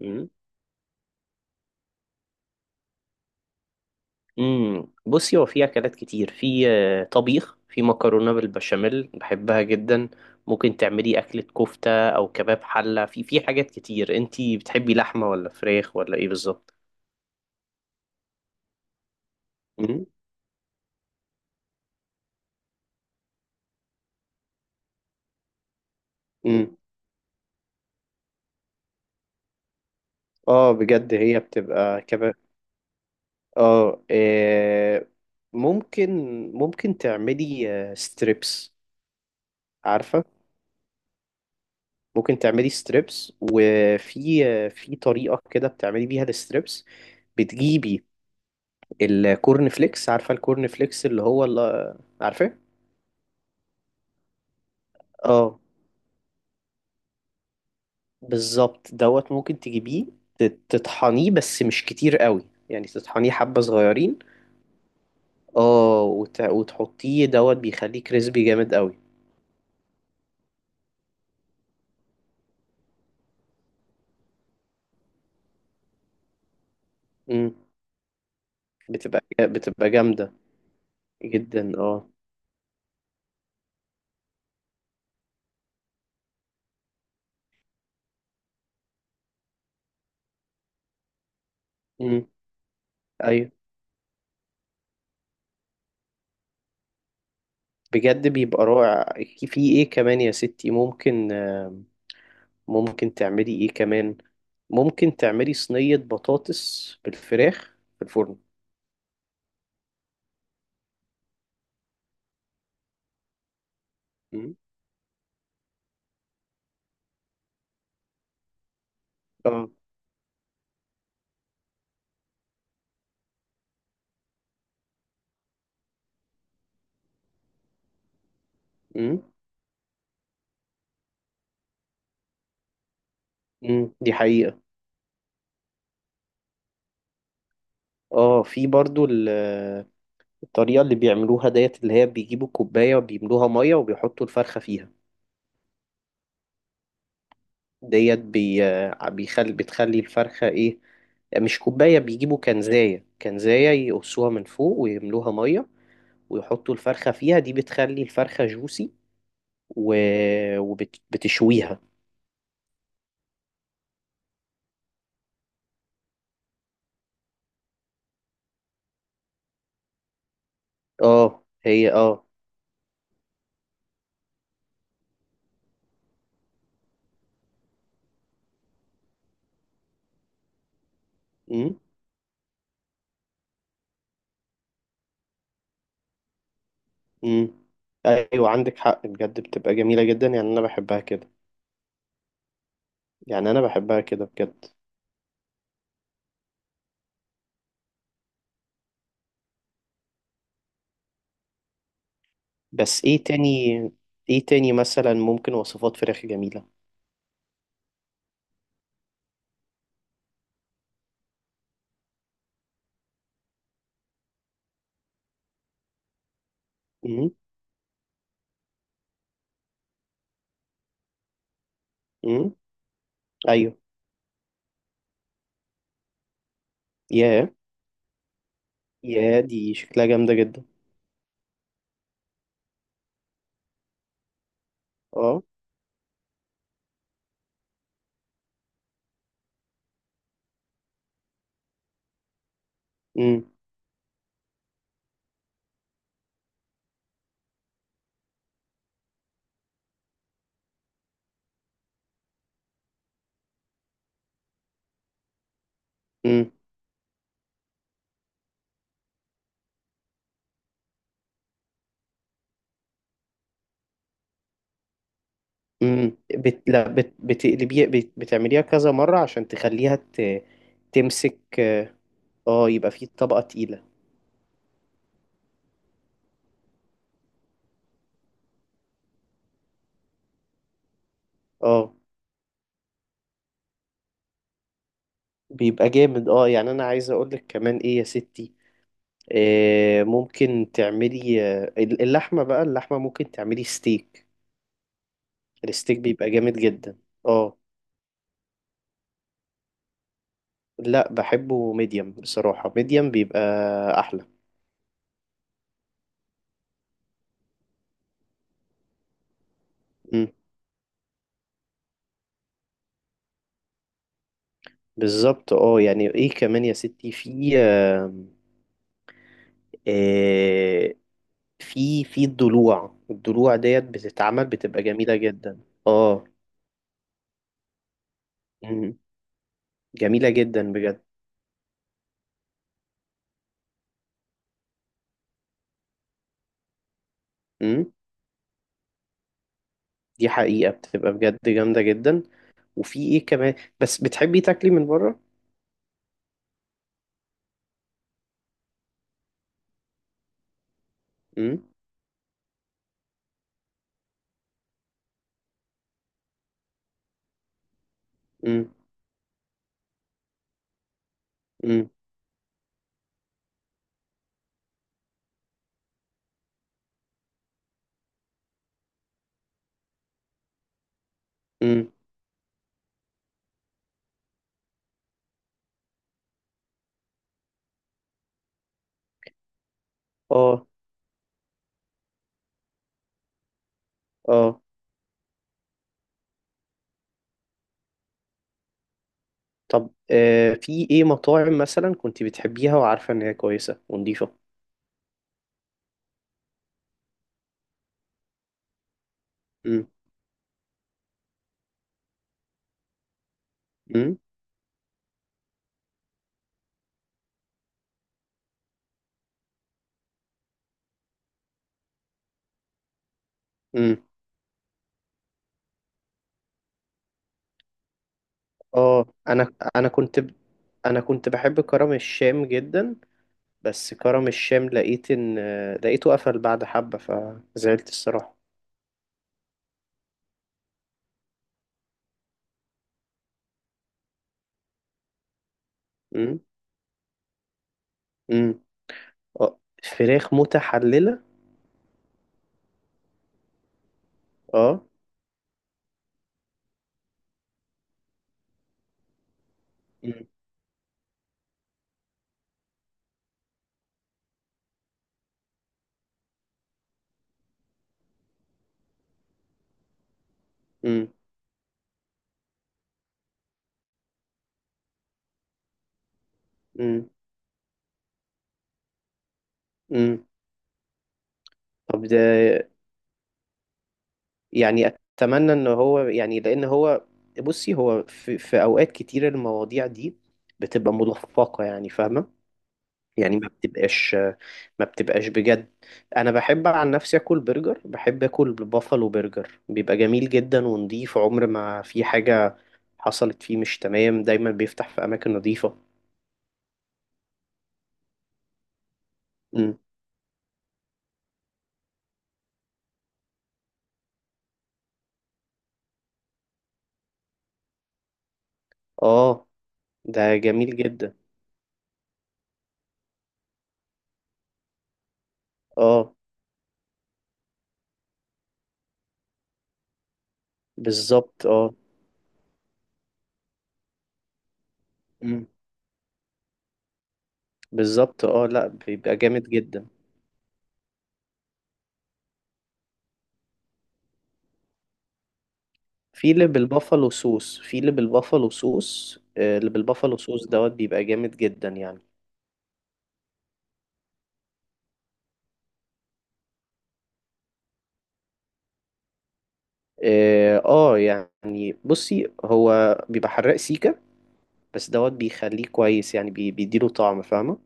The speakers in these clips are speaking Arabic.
مم. مم. بصي هو في اكلات كتير في آه، طبيخ. في مكرونه بالبشاميل بحبها جدا. ممكن تعملي اكله كفته او كباب حله. في حاجات كتير. انتي بتحبي لحمه ولا فراخ ولا ايه بالظبط؟ مم. مم. اه، بجد هي بتبقى كباب. اه، ممكن ممكن تعملي ستريبس. عارفه، ممكن تعملي ستريبس. وفي آه، في طريقه كده بتعملي بيها الستريبس. بتجيبي الكورن فليكس، عارفة الكورن فليكس اللي عارفاه؟ اه، بالظبط. دوت ممكن تجيبيه، تطحنيه بس مش كتير قوي. يعني تطحنيه حبة صغيرين. اه، وتحطيه دوت بيخليه كريسبي جامد قوي. امم. بتبقى جامدة جدا، اه. امم. ايوه، بجد بيبقى رائع. في ايه كمان يا ستي؟ ممكن تعملي ايه كمان؟ ممكن تعملي صينية بطاطس بالفراخ في الفرن. مم. اه، امم دي حقيقة. اه، في برضو الطريقة اللي بيعملوها ديت، اللي هي بيجيبوا كوباية وبيملوها مية وبيحطوا الفرخة فيها. ديت بتخلي الفرخة ايه، مش كوباية. بيجيبوا كنزاية، يقصوها من فوق ويملوها مية ويحطوا الفرخة فيها. دي بتخلي الفرخة جوسي و... وبتشويها. اه، هي، اه. امم، امم. ايوه، عندك حق بجد، بتبقى جميلة جدا. يعني انا بحبها كده، يعني انا بحبها كده بجد. بس ايه تاني مثلا، ممكن وصفات فراخ جميلة. امم، امم. ايوه. ياه، ياه دي شكلها جامدة جدا. اه، امم، امم، امم. لا، بتقلبيها، بتعمليها كذا مرة عشان تخليها تمسك، اه. يبقى في طبقة تقيلة. اه، بيبقى جامد، اه. يعني انا عايز اقولك كمان ايه يا ستي. ممكن تعملي اللحمة. بقى اللحمة ممكن تعملي ستيك. الستيك بيبقى جامد جدا، اه. لا، بحبه ميديم. بصراحة ميديم بيبقى أحلى. مم. بالظبط، اه. يعني ايه كمان يا ستي؟ في آم، آه، في في الضلوع. الضلوع ديت بتتعمل بتبقى جميلة جدا، اه. مم. جميلة جدا بجد. مم. دي حقيقة، بتبقى بجد جامدة جدا. وفي ايه كمان؟ بس بتحبي تاكلي من بره؟ مم. مم. مم. مم. اه، اه. طب في ايه مطاعم مثلا كنت بتحبيها وعارفة ان هي كويسة ونضيفة؟ امم، امم، امم. اه، انا كنت بحب كرم الشام جدا. بس كرم الشام لقيته قفل بعد حبة، فزعلت الصراحة. امم، امم. اه، فراخ متحللة. اه امم، امم، امم، امم. طب ده، يعني اتمنى ان هو، يعني لان هو، بصي هو في اوقات كتير المواضيع دي بتبقى ملفقة، يعني فاهمة. يعني ما بتبقاش بجد. انا بحب عن نفسي اكل برجر، بحب اكل بافالو برجر، بيبقى جميل جدا ونضيف. عمر ما في حاجة حصلت فيه مش تمام. دايما بيفتح في اماكن نظيفة. امم، اه، ده جميل جدا. اه، بالظبط، اه. امم. بالظبط، اه. لا، بيبقى جامد جدا. في اللي بالبافالو صوص آه، اللي بالبافالو صوص دوت بيبقى جامد جدا يعني. اه، يعني بصي هو بيبقى حراق سيكا. بس دوت بيخليه كويس، يعني بيديله طعم، فاهمة؟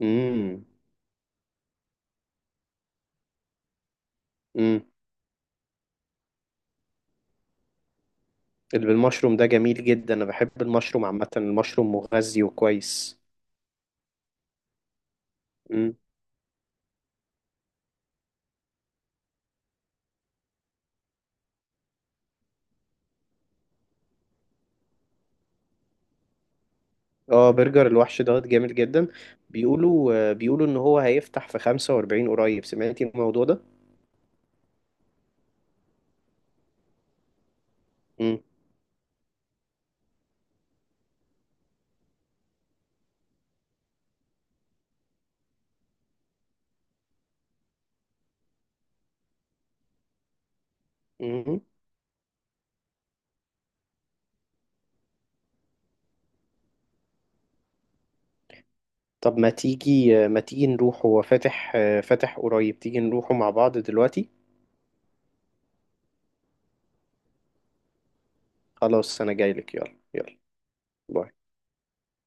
امم، امم. اللي بالمشروم ده جميل جدا. انا بحب المشروم عامة، المشروم مغذي وكويس. امم. اه، برجر الوحش دوت جامد جدا. بيقولوا ان هو هيفتح في 45 قريب، سمعتي الموضوع ده؟ امم، امم. طب ما تيجي نروح، هو فاتح، فاتح قريب، تيجي نروحه مع بعض دلوقتي؟ خلاص، انا جايلك، يلا يلا، باي